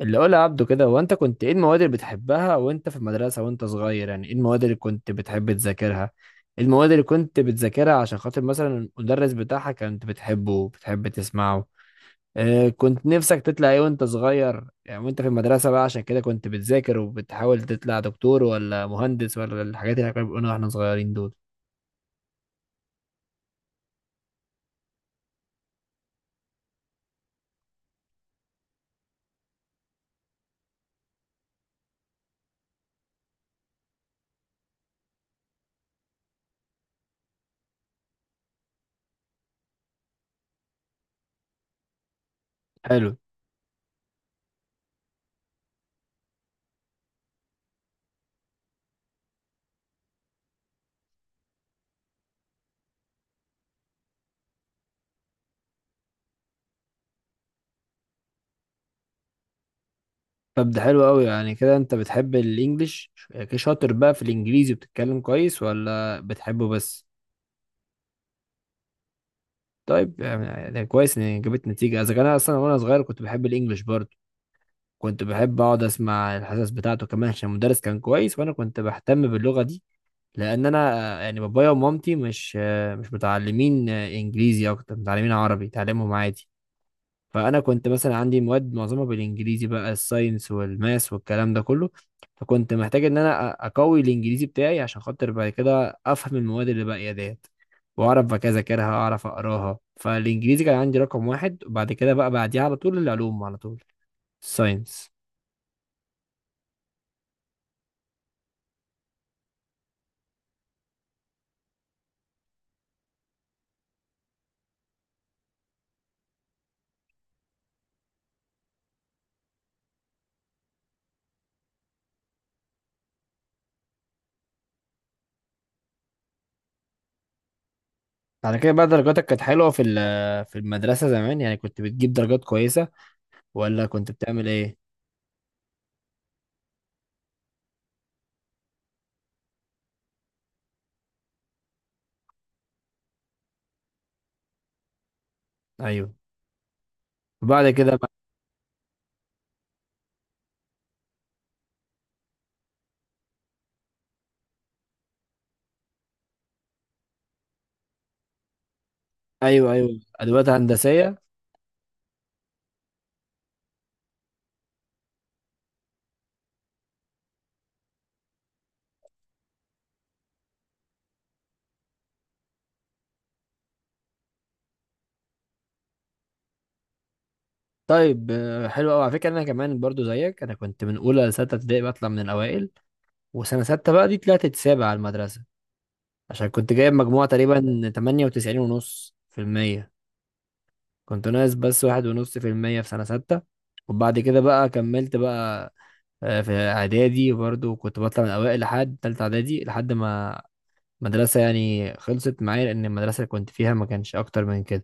اللي قولها عبده كده هو انت كنت ايه المواد اللي بتحبها وانت في المدرسة وانت صغير، يعني ايه المواد اللي كنت بتحب تذاكرها؟ ايه المواد اللي كنت بتذاكرها عشان خاطر مثلا المدرس بتاعها كنت بتحبه بتحب تسمعه؟ اه، كنت نفسك تطلع ايه وانت صغير، يعني وانت في المدرسة بقى، عشان كده كنت بتذاكر وبتحاول تطلع دكتور ولا مهندس ولا الحاجات اللي كانوا بيقولونا واحنا صغيرين دول؟ حلو. طب ده حلو قوي، يعني كده انت بتحب الانجليش. شاطر بقى في الانجليزي بتتكلم كويس ولا بتحبه بس؟ طيب، يعني ده كويس ان جابت نتيجه، اذا كان أنا اصلا وانا صغير كنت بحب الانجليش برضه. كنت بحب اقعد اسمع الحصص بتاعته كمان عشان المدرس كان كويس وانا كنت بهتم باللغه دي. لان انا، يعني بابايا ومامتي مش متعلمين انجليزي، اكتر متعلمين عربي تعلمهم عادي. فانا كنت مثلا عندي مواد معظمها بالانجليزي بقى، الساينس والماس والكلام ده كله. فكنت محتاج ان انا اقوي الانجليزي بتاعي عشان خاطر بعد كده افهم المواد اللي باقيه ديت. واعرف بقى اذاكرها، اعرف اقراها، فالانجليزي كان عندي رقم واحد، وبعد كده بقى بعديها على طول العلوم على طول. الساينس. بعد كده بقى درجاتك كانت حلوة في المدرسة زمان، يعني كنت بتجيب درجات كويسة ولا كنت بتعمل ايه؟ ايوه. وبعد كده بقى. ايوه، ايوه، ادوات هندسية. طيب، حلو قوي. على فكره انا كمان برضو زيك، انا كنت من اولى لسته ابتدائي بطلع من الاوائل. وسنه سته بقى دي طلعت السابع على المدرسه، عشان كنت جايب مجموعه تقريبا 98 ونص في المية. كنت ناقص بس 1.5% في سنه سته. وبعد كده بقى كملت بقى. في اعدادي برضو كنت بطلع من الاوائل لحد تالتة اعدادي، لحد ما مدرسة يعني خلصت معايا، لأن المدرسة اللي كنت فيها ما كانش أكتر من كده.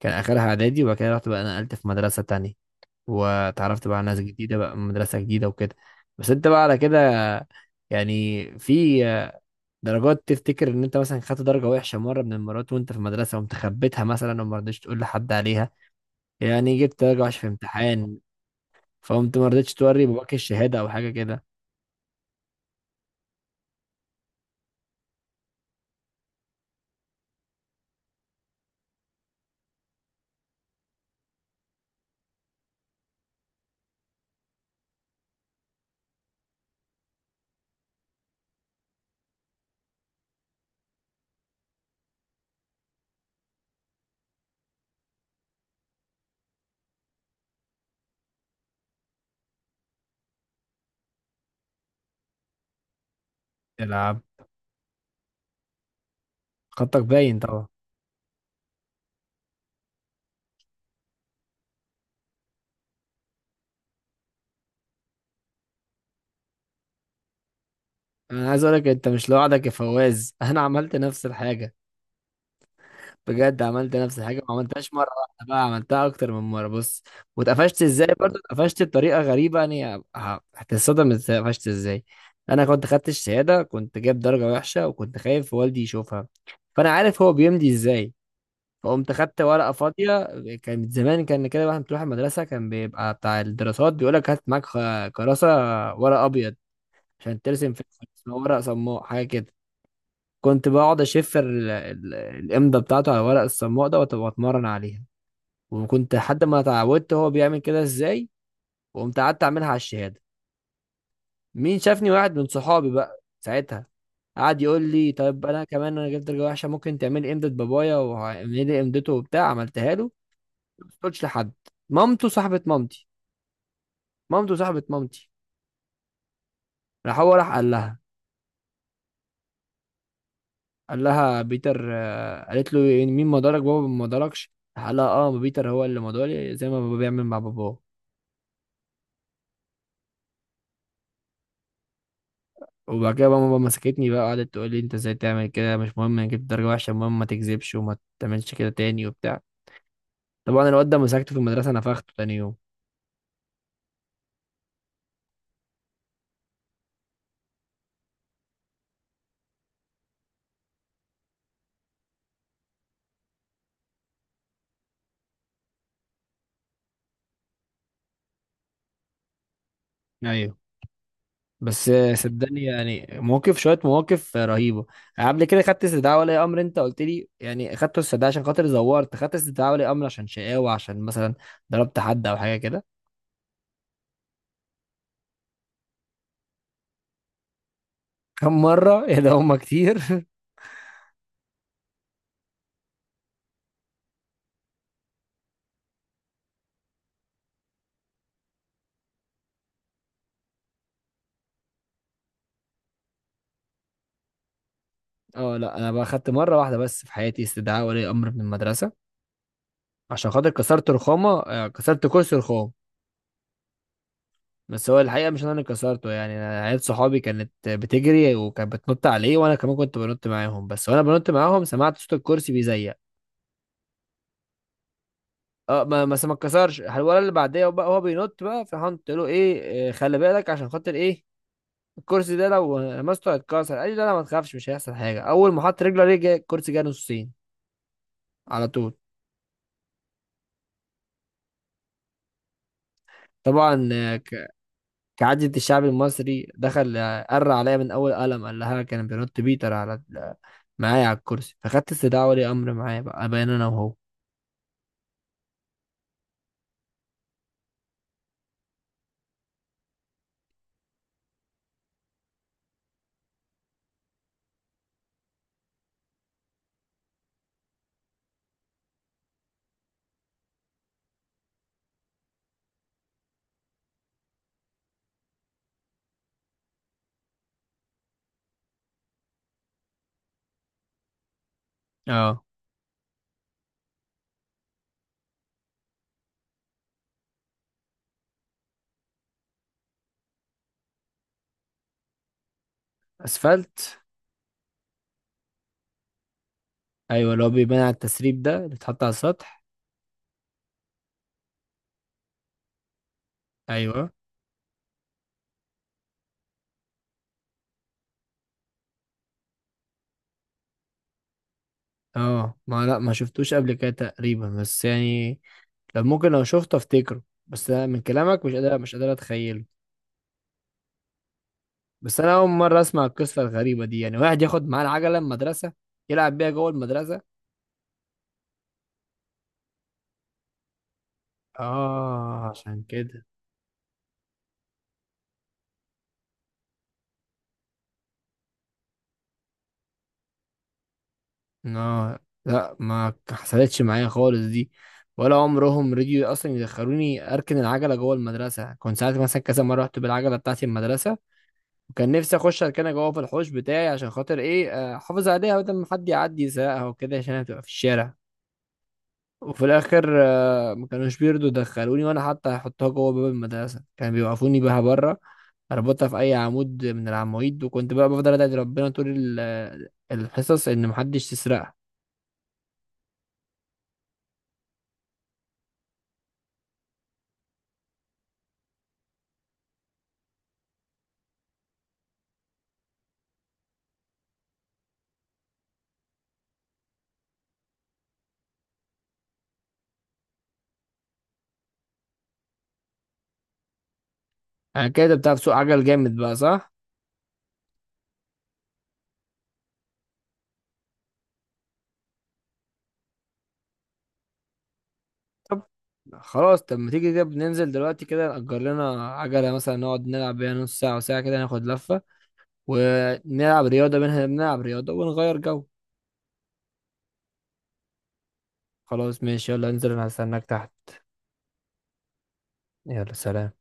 كان آخرها إعدادي، وبعد كده رحت بقى نقلت في مدرسة تانية، واتعرفت بقى على ناس جديدة بقى من مدرسة جديدة وكده. بس انت بقى على كده، يعني في درجات تفتكر ان انت مثلا خدت درجة وحشة مرة من المرات وانت في المدرسة وقمت خبيتها مثلا وما رضيتش تقول لحد عليها؟ يعني جبت درجة وحشة في امتحان، فقمت ما رضيتش توري باباك الشهادة او حاجة كده؟ تلعب. خطك باين طبعا. انا عايز اقولك انت مش لوحدك يا فواز. انا عملت نفس الحاجة. بجد عملت نفس الحاجه، ما عملتهاش مره واحده بقى، عملتها اكتر من مره. بص، واتقفشت ازاي برضه؟ اتقفشت بطريقه غريبه، يعني هتتصدم اتقفشت ازاي. انا كنت خدت الشهاده، كنت جايب درجه وحشه، وكنت خايف والدي يشوفها. فانا عارف هو بيمضي ازاي، فقمت خدت ورقه فاضيه. كان زمان كان كده، واحد بتروح المدرسه كان بيبقى بتاع الدراسات بيقول لك هات معاك كراسه، ورق ابيض عشان ترسم فيه، اسمه ورق صماء حاجه كده. كنت بقعد اشف الامضه بتاعته على ورق الصماء ده، واتمرن عليها، وكنت لحد ما اتعودت هو بيعمل كده ازاي. وقمت قعدت اعملها على الشهاده. مين شافني؟ واحد من صحابي بقى ساعتها، قعد يقول لي طيب انا كمان انا جبت درجه وحشه، ممكن تعملي امضه بابايا واعملي لي امضته وبتاع. عملتها له، ما قلتش لحد. مامته صاحبه مامتي. مامته صاحبه مامتي. راح، هو راح قال لها، قال لها بيتر، قالت له إيه، مين مدارك؟ بابا ما مداركش. راح قال لها اه بيتر هو اللي مداري زي ما بابا بيعمل مع باباه. وبعد كده بقى ماما مسكتني بقى، قعدت تقول لي انت ازاي تعمل كده؟ مش مهم نجيب درجة وحشة، المهم ما تكذبش وما تعملش كده تاني وبتاع. طبعا الواد ده مسكته في المدرسة نفخته تاني يوم. ايوه. بس صدقني، يعني شوية مواقف رهيبة. قبل كده خدت استدعاء ولي أمر، أنت قلت لي يعني خدت استدعاء عشان خاطر زورت، خدت استدعاء ولي أمر عشان شقاوة، عشان مثلا ضربت حد أو حاجة كده؟ كم مرة؟ يا ده هما كتير. اه، لا، أنا بقى خدت مرة واحدة بس في حياتي استدعاء ولي أمر من المدرسة، عشان خاطر كسرت كرسي رخام. بس هو الحقيقة مش أنا اللي كسرته، يعني أنا عيال صحابي كانت بتجري وكانت بتنط عليه، وأنا كمان كنت بنط معاهم، بس وأنا بنط معاهم سمعت صوت الكرسي بيزيق. اه، ما اتكسرش. الولد اللي بعديه بقى هو بينط بقى، فراح قلت له ايه، خلي بالك، عشان خاطر ايه، الكرسي ده لو لمسته هيتكسر. قال لي لا، لا، ما تخافش، مش هيحصل حاجة. أول ما حط رجله عليه الكرسي جه نصين على طول. طبعا كعادة الشعب المصري دخل، قر عليا من أول قلم، قال لها كان بينط بيتر على معايا على الكرسي، فخدت استدعاء ولي امر معايا بقى ابان انا وهو. اه، اسفلت. ايوه، اللي هو بيبان على التسريب ده اللي اتحط على السطح. ايوه. اه، ما، لا، ما شفتوش قبل كده تقريبا، بس يعني لو ممكن، لو شفته افتكره، بس انا من كلامك مش قادر اتخيله. بس انا اول مره اسمع القصه الغريبه دي، يعني واحد ياخد معاه العجله المدرسه يلعب بيها جوه المدرسه؟ اه عشان كده. اه، لا، ما حصلتش معايا خالص دي، ولا عمرهم رضيوا اصلا يدخلوني اركن العجله جوه المدرسه. كنت ساعات مثلا كذا مره رحت بالعجله بتاعتي المدرسه، وكان نفسي اخش اركنها جوه في الحوش بتاعي عشان خاطر ايه، احافظ عليها بدل ما حد يعدي يسرقها وكده، عشان هي تبقى في الشارع. وفي الاخر ما كانوش بيرضوا يدخلوني، وانا حتى هحطها جوه باب المدرسه كانوا بيوقفوني بيها بره، اربطها في اي عمود من العواميد، وكنت بقى بفضل ادعي ربنا طول الحصص ان محدش يسرقها. انا كده بتاع سوق عجل جامد بقى، صح؟ طب خلاص، طب ما تيجي كده بننزل دلوقتي كده نأجر لنا عجلة مثلا، نقعد نلعب بيها نص ساعة وساعة، كده ناخد لفة ونلعب رياضة منها، بنلعب رياضة ونغير جو. خلاص ماشي، يلا انزل انا هستناك تحت. يلا سلام.